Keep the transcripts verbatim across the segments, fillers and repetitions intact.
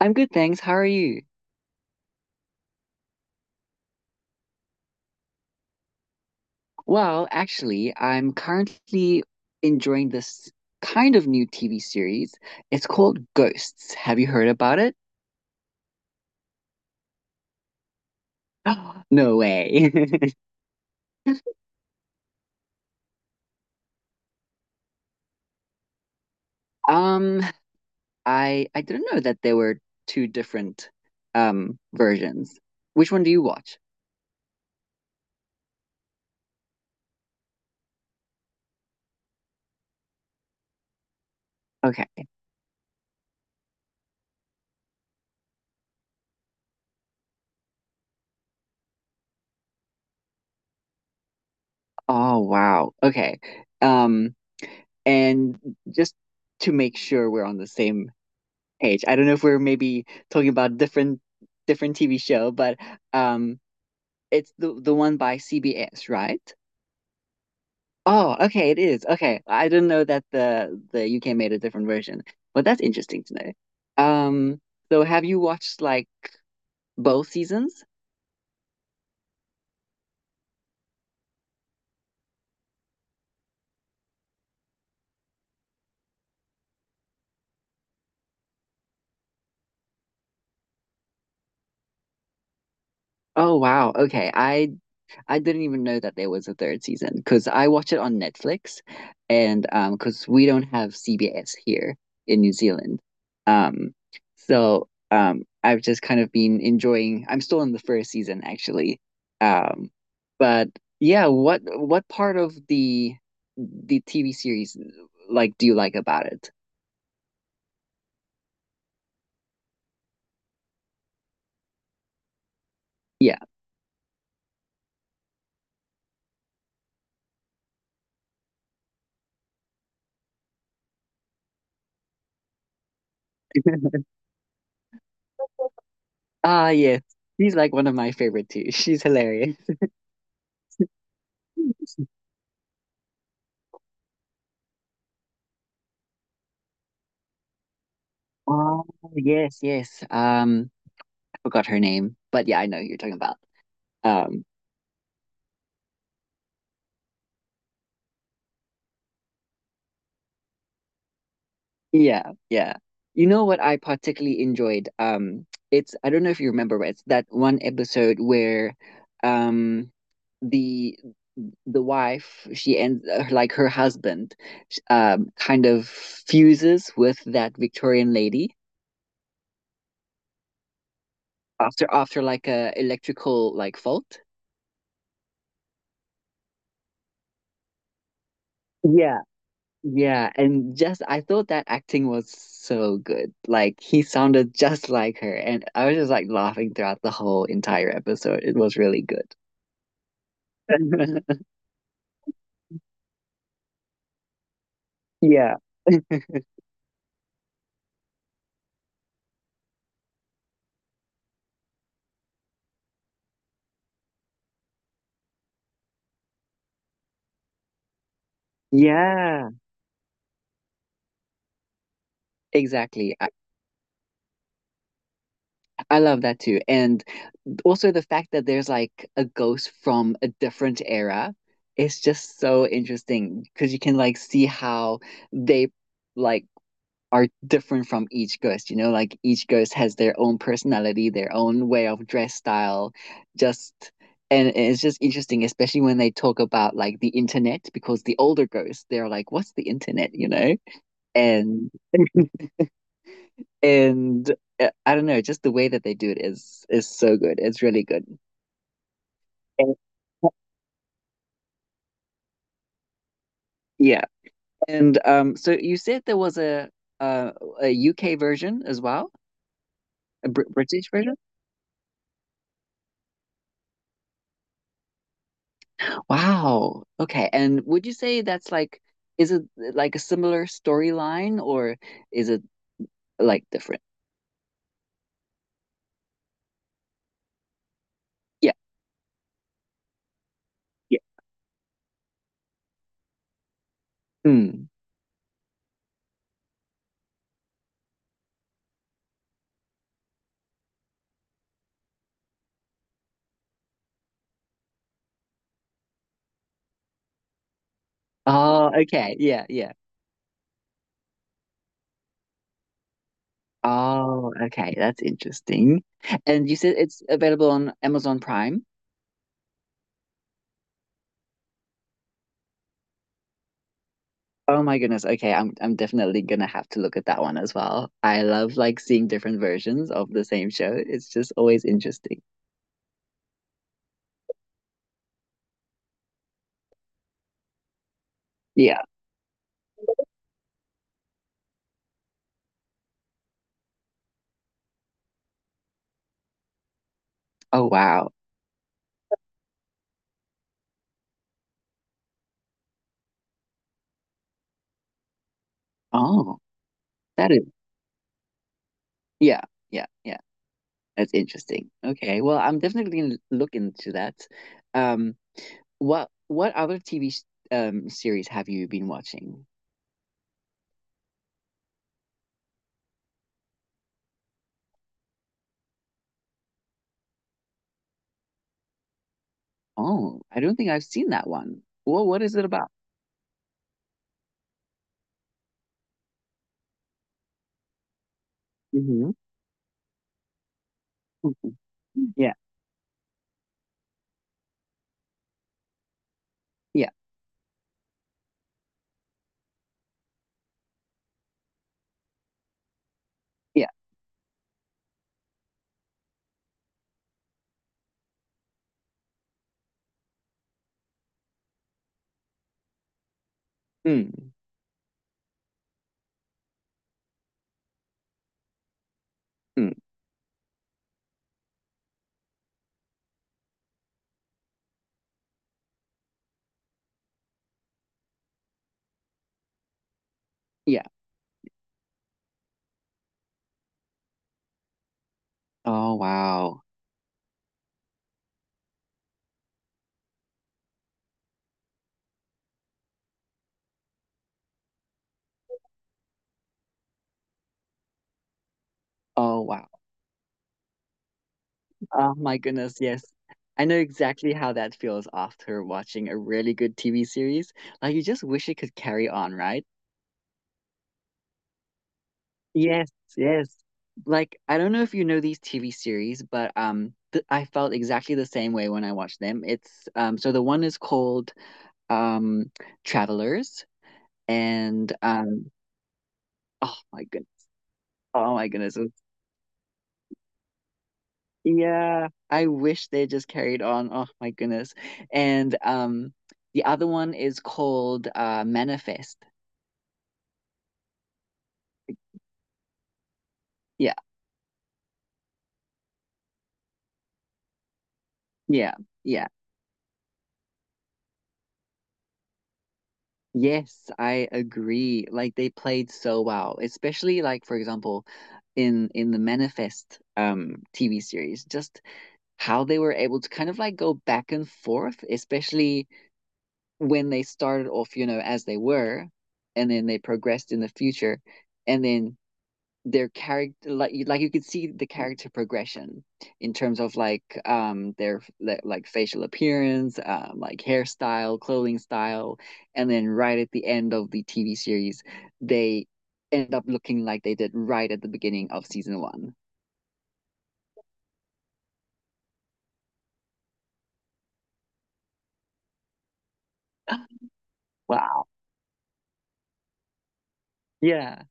I'm good, thanks. How are you? Well, actually, I'm currently enjoying this kind of new T V series. It's called Ghosts. Have you heard about it? No way. Um, I I didn't know that there were two different um versions. Which one do you watch? Okay. Oh, wow. Okay. Um, and just to make sure we're on the same page, I don't know if we're maybe talking about different different T V show, but um it's the the one by C B S, right? Oh, okay, it is. Okay. I didn't know that the the U K made a different version. But that's interesting to know. Um, so have you watched like both seasons? Oh wow. Okay. I I didn't even know that there was a third season because I watch it on Netflix, and um because we don't have C B S here in New Zealand. Um so um I've just kind of been enjoying I'm still in the first season actually. Um but yeah, what what part of the the T V series like do you like about it? Yeah. Ah yes. She's like one of my favorite too. She's hilarious. Oh yes, yes. Um forgot her name, but yeah, I know who you're talking about. Um, yeah, yeah. You know what I particularly enjoyed? Um, it's I don't know if you remember, but it's that one episode where, um, the the wife she ends uh, like her husband, sh- um, kind of fuses with that Victorian lady after after like a electrical like fault. Yeah, and just I thought that acting was so good. Like he sounded just like her, and I was just like laughing throughout the whole entire episode. It was really good. Yeah. Yeah, exactly. I, I love that too. And also the fact that there's like a ghost from a different era, it's just so interesting because you can like see how they like are different from each ghost, you know, like each ghost has their own personality, their own way of dress style, just and it's just interesting, especially when they talk about like the internet, because the older ghosts, they're like, what's the internet, you know? And and uh, I don't know, just the way that they do it is is so good. It's really good. And yeah. And um, so you said there was a uh, a U K version as well, a Br British version? Wow. Okay. And would you say that's like, is it uh, like a similar storyline or is it like different? Yeah. Yeah. Mm. Oh, okay. Yeah. Yeah. Oh, okay. That's interesting. And you said it's available on Amazon Prime? Oh my goodness. Okay. I'm I'm definitely gonna have to look at that one as well. I love like seeing different versions of the same show. It's just always interesting. Yeah. Oh, wow. Oh, that is. Yeah. Yeah. Yeah. That's interesting. Okay, well, I'm definitely gonna look into that. Um, what what other T V s- um series have you been watching? Oh, I don't think I've seen that one. Well, what is it about? Hmm. Yeah, yeah, yeah. Mm, mm, yeah. Oh wow. Oh wow. Oh my goodness, yes. I know exactly how that feels after watching a really good T V series. Like you just wish it could carry on, right? Yes, yes. Like I don't know if you know these T V series, but um th I felt exactly the same way when I watched them. It's um so the one is called um Travelers, and um oh my goodness. Oh my goodness. It- Yeah, I wish they just carried on. Oh my goodness. And um the other one is called uh Manifest. Yeah. Yeah. Yeah. Yes, I agree. Like they played so well, especially like for example, in in the Manifest um T V series, just how they were able to kind of like go back and forth, especially when they started off, you know, as they were, and then they progressed in the future, and then their character like you like you could see the character progression in terms of like um their like facial appearance um like hairstyle clothing style, and then right at the end of the T V series they end up looking like they did right at the beginning of season one. Wow, yeah,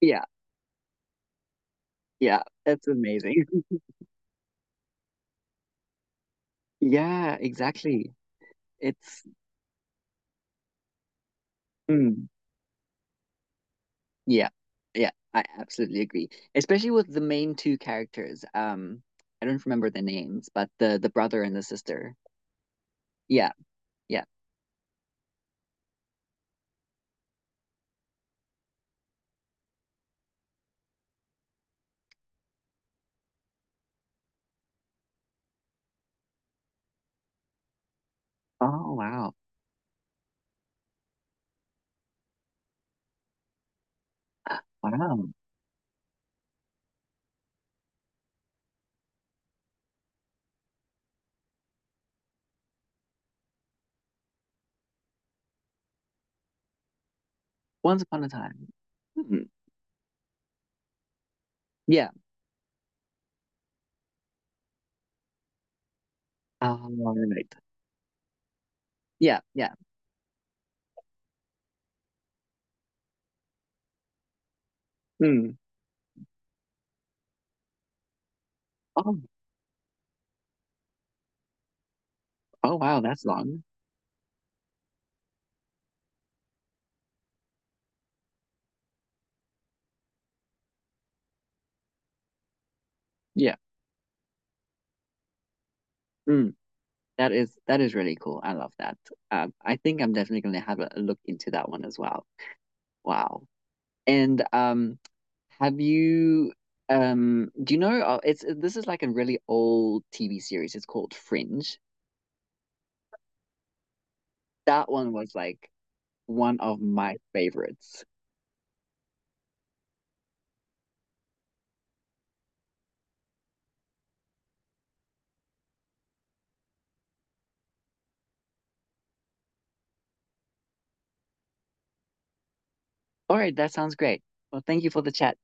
yeah, yeah, that's amazing. Yeah, exactly. It's mm. Yeah, yeah, I absolutely agree. Especially with the main two characters. Um, I don't remember the names, but the the brother and the sister. Yeah, yeah. Oh wow, wow. Once upon a time. Hmm. Yeah. Oh, all right. Yeah, yeah. Hmm. Oh, oh wow, that's long. Yeah. Hmm. That is that is really cool. I love that. Um, I think I'm definitely gonna have a a look into that one as well. Wow. And um, have you um, do you know? uh, It's this is like a really old T V series. It's called Fringe. That one was like one of my favorites. All right, that sounds great. Well, thank you for the chat.